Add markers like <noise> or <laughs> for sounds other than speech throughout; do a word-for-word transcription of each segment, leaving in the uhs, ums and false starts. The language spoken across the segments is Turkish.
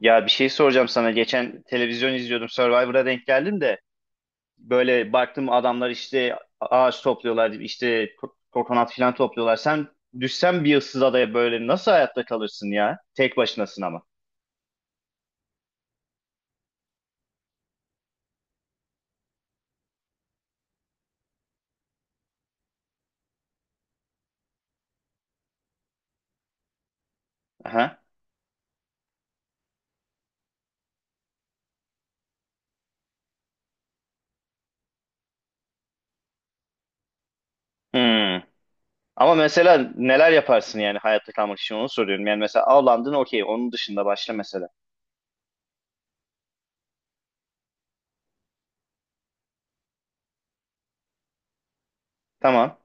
Ya bir şey soracağım sana. Geçen televizyon izliyordum. Survivor'a denk geldim de böyle baktım adamlar işte ağaç topluyorlar, işte ko- kokonat falan topluyorlar. Sen düşsen bir ıssız adaya böyle nasıl hayatta kalırsın ya? Tek başınasın ama. Aha. Hmm. Ama mesela neler yaparsın yani hayatta kalmak için onu soruyorum. Yani mesela avlandın okey onun dışında başla mesela. Tamam.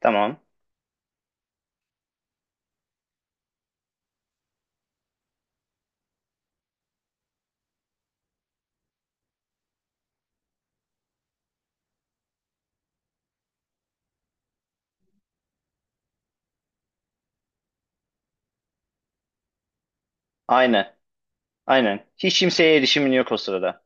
Tamam. Aynen. Aynen. Hiç kimseye erişimin yok o sırada.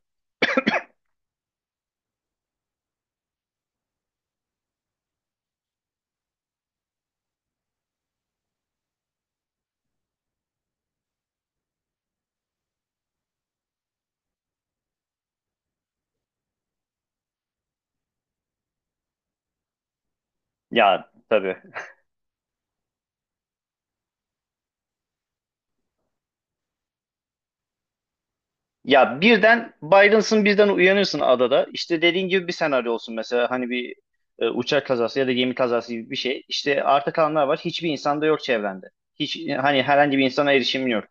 Ya tabii. Ya birden Byron'sın birden uyanıyorsun adada. İşte dediğin gibi bir senaryo olsun mesela hani bir e, uçak kazası ya da gemi kazası gibi bir şey. İşte arta kalanlar var. Hiçbir insan da yok çevrende. Hiç hani herhangi bir insana erişim yok.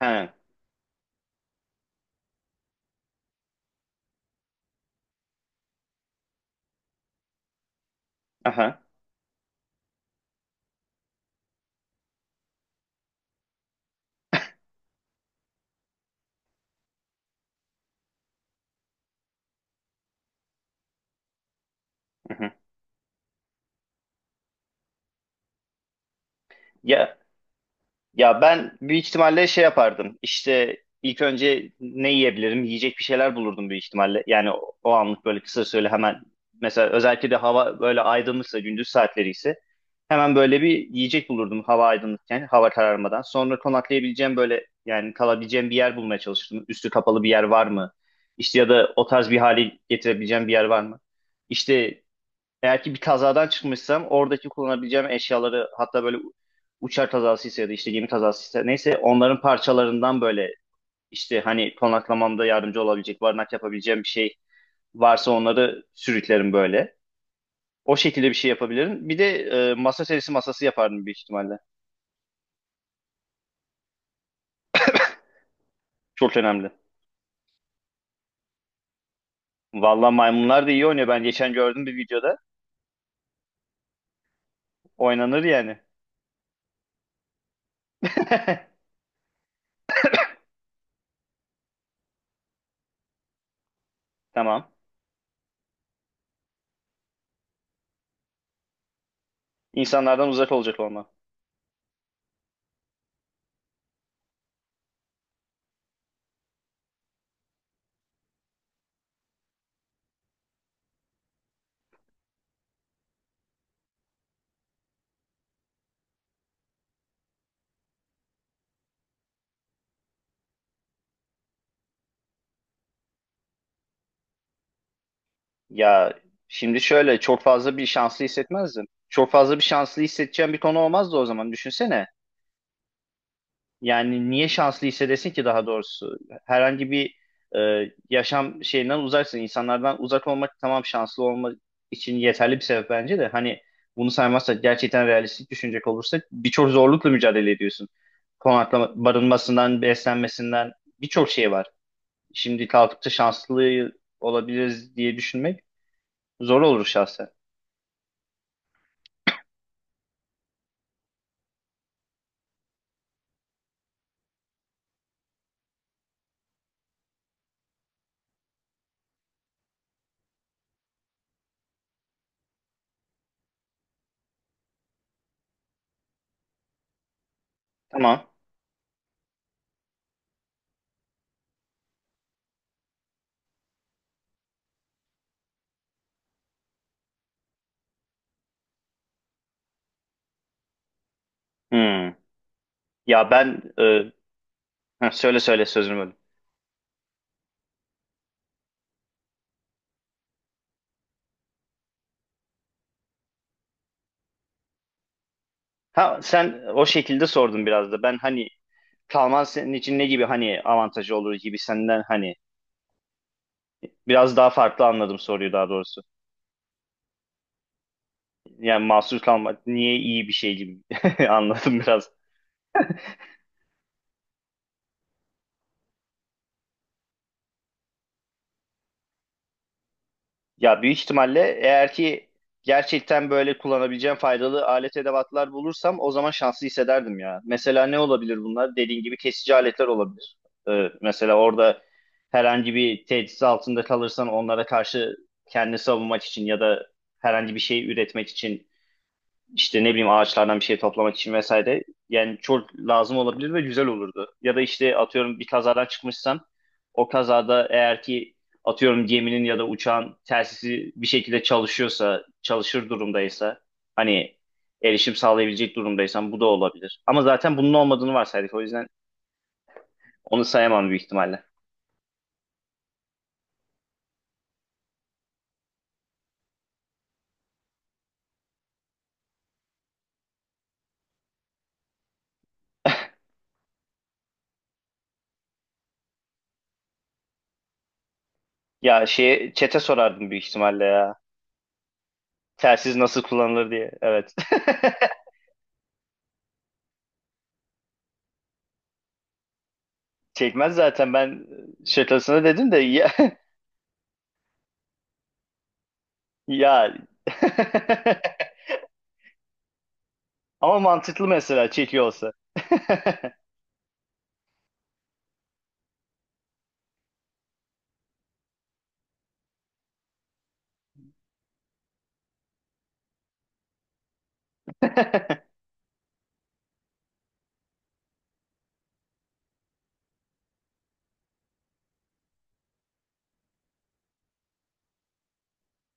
He. Aha. Aha. Ya Ya ben büyük ihtimalle şey yapardım. İşte ilk önce ne yiyebilirim? Yiyecek bir şeyler bulurdum büyük ihtimalle. Yani o, o anlık böyle kısa süreli hemen mesela özellikle de hava böyle aydınlıksa gündüz saatleri ise hemen böyle bir yiyecek bulurdum hava aydınlıkken, hava kararmadan. Sonra konaklayabileceğim böyle yani kalabileceğim bir yer bulmaya çalışırdım. Üstü kapalı bir yer var mı? İşte ya da o tarz bir hali getirebileceğim bir yer var mı? İşte eğer ki bir kazadan çıkmışsam oradaki kullanabileceğim eşyaları hatta böyle u- uçak kazasıysa ya da işte gemi kazasıysa neyse onların parçalarından böyle işte hani konaklamamda yardımcı olabilecek, barınak yapabileceğim bir şey varsa onları sürüklerim böyle. O şekilde bir şey yapabilirim. Bir de e, masa serisi masası yapardım büyük ihtimalle. Çok önemli. Vallahi maymunlar da iyi oynuyor. Ben geçen gördüm bir videoda. Oynanır yani. <laughs> Tamam. İnsanlardan uzak olacak onlar. Ya şimdi şöyle çok fazla bir şanslı hissetmezdin. Çok fazla bir şanslı hissedeceğin bir konu olmazdı o zaman düşünsene. Yani niye şanslı hissedesin ki daha doğrusu? Herhangi bir e, yaşam şeyinden uzaksın. İnsanlardan uzak olmak tamam şanslı olma için yeterli bir sebep bence de. Hani bunu saymazsak gerçekten realistik düşünecek olursak birçok zorlukla mücadele ediyorsun. Konaklama, barınmasından, beslenmesinden birçok şey var. Şimdi kalkıp da şanslı olabiliriz diye düşünmek zor olur şahsen. Tamam. Hmm. Ya ben e, ha, söyle söyle sözünü böldüm. Ha sen o şekilde sordun biraz da. Ben hani kalman senin için ne gibi hani avantajı olur gibi senden hani biraz daha farklı anladım soruyu daha doğrusu. Yani mahsur kalmak niye iyi bir şey gibi <laughs> anladım biraz. Ya büyük ihtimalle eğer ki gerçekten böyle kullanabileceğim faydalı alet edevatlar bulursam o zaman şanslı hissederdim ya. Mesela ne olabilir bunlar? Dediğin gibi kesici aletler olabilir. Ee, mesela orada herhangi bir tehdit altında kalırsan onlara karşı kendini savunmak için ya da herhangi bir şey üretmek için işte ne bileyim ağaçlardan bir şey toplamak için vesaire. Yani çok lazım olabilir ve güzel olurdu. Ya da işte atıyorum bir kazadan çıkmışsan o kazada eğer ki atıyorum geminin ya da uçağın telsizi bir şekilde çalışıyorsa, çalışır durumdaysa hani erişim sağlayabilecek durumdaysan bu da olabilir. Ama zaten bunun olmadığını varsaydık, o yüzden onu sayamam büyük ihtimalle. Ya şeye çete sorardım büyük ihtimalle ya. Telsiz nasıl kullanılır diye. Evet. <laughs> Çekmez zaten, ben şakasına dedim de ya, <laughs> Ya <laughs> ama mantıklı mesela çekiyor olsa. <laughs>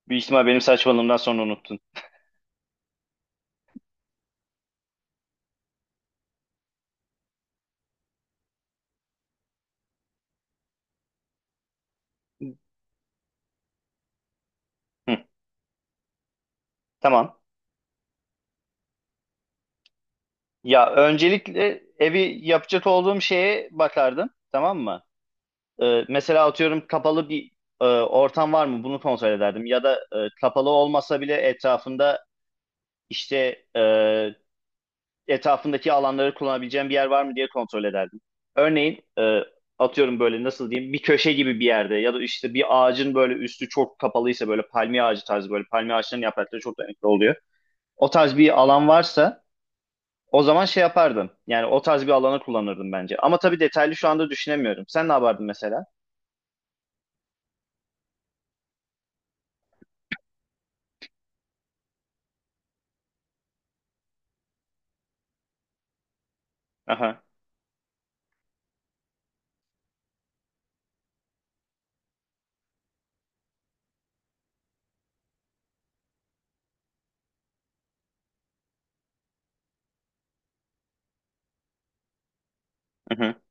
Büyük ihtimal benim saçmalığımdan sonra unuttun. Hı, tamam. Ya öncelikle evi yapacak olduğum şeye bakardım. Tamam mı? Ee, mesela atıyorum kapalı bir e, ortam var mı? Bunu kontrol ederdim. Ya da e, kapalı olmasa bile etrafında işte e, etrafındaki alanları kullanabileceğim bir yer var mı diye kontrol ederdim. Örneğin e, atıyorum böyle nasıl diyeyim bir köşe gibi bir yerde ya da işte bir ağacın böyle üstü çok kapalıysa böyle palmiye ağacı tarzı, böyle palmiye ağaçlarının yaprakları çok dayanıklı oluyor. O tarz bir alan varsa o zaman şey yapardım. Yani o tarz bir alanı kullanırdım bence. Ama tabii detaylı şu anda düşünemiyorum. Sen ne yapardın mesela? Aha. Hı hı.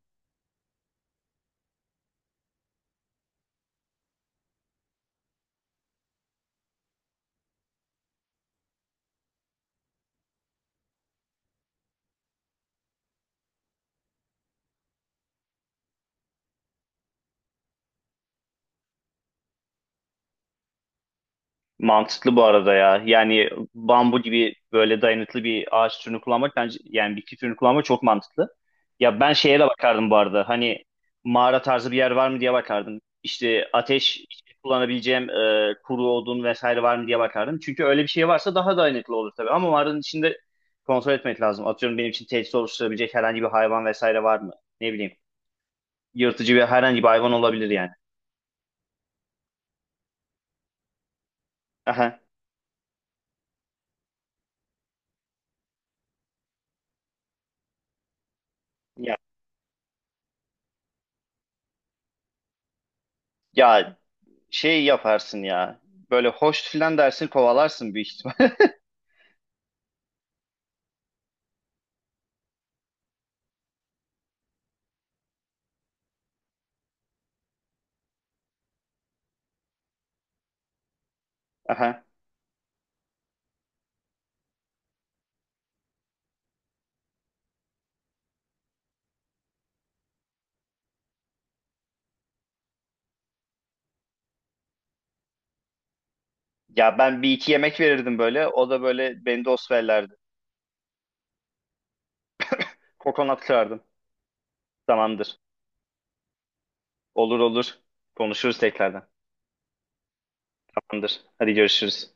Mantıklı bu arada ya. Yani bambu gibi böyle dayanıklı bir ağaç türünü kullanmak bence, yani bitki türünü kullanmak çok mantıklı. Ya ben şeye de bakardım bu arada. Hani mağara tarzı bir yer var mı diye bakardım. İşte ateş, işte kullanabileceğim e, kuru odun vesaire var mı diye bakardım. Çünkü öyle bir şey varsa daha dayanıklı olur tabii. Ama mağaranın içinde kontrol etmek lazım. Atıyorum benim için tehdit oluşturabilecek herhangi bir hayvan vesaire var mı? Ne bileyim. Yırtıcı bir herhangi bir hayvan olabilir yani. Aha. Ya, ya şey yaparsın ya. Böyle hoş filan dersin, kovalarsın büyük ihtimal. <laughs> Aha. Ya ben bir iki yemek verirdim böyle. O da böyle beni de osverlerdi. Kokonat kırardım. Tamamdır. Olur olur. Konuşuruz tekrardan. Tamamdır. Hadi görüşürüz.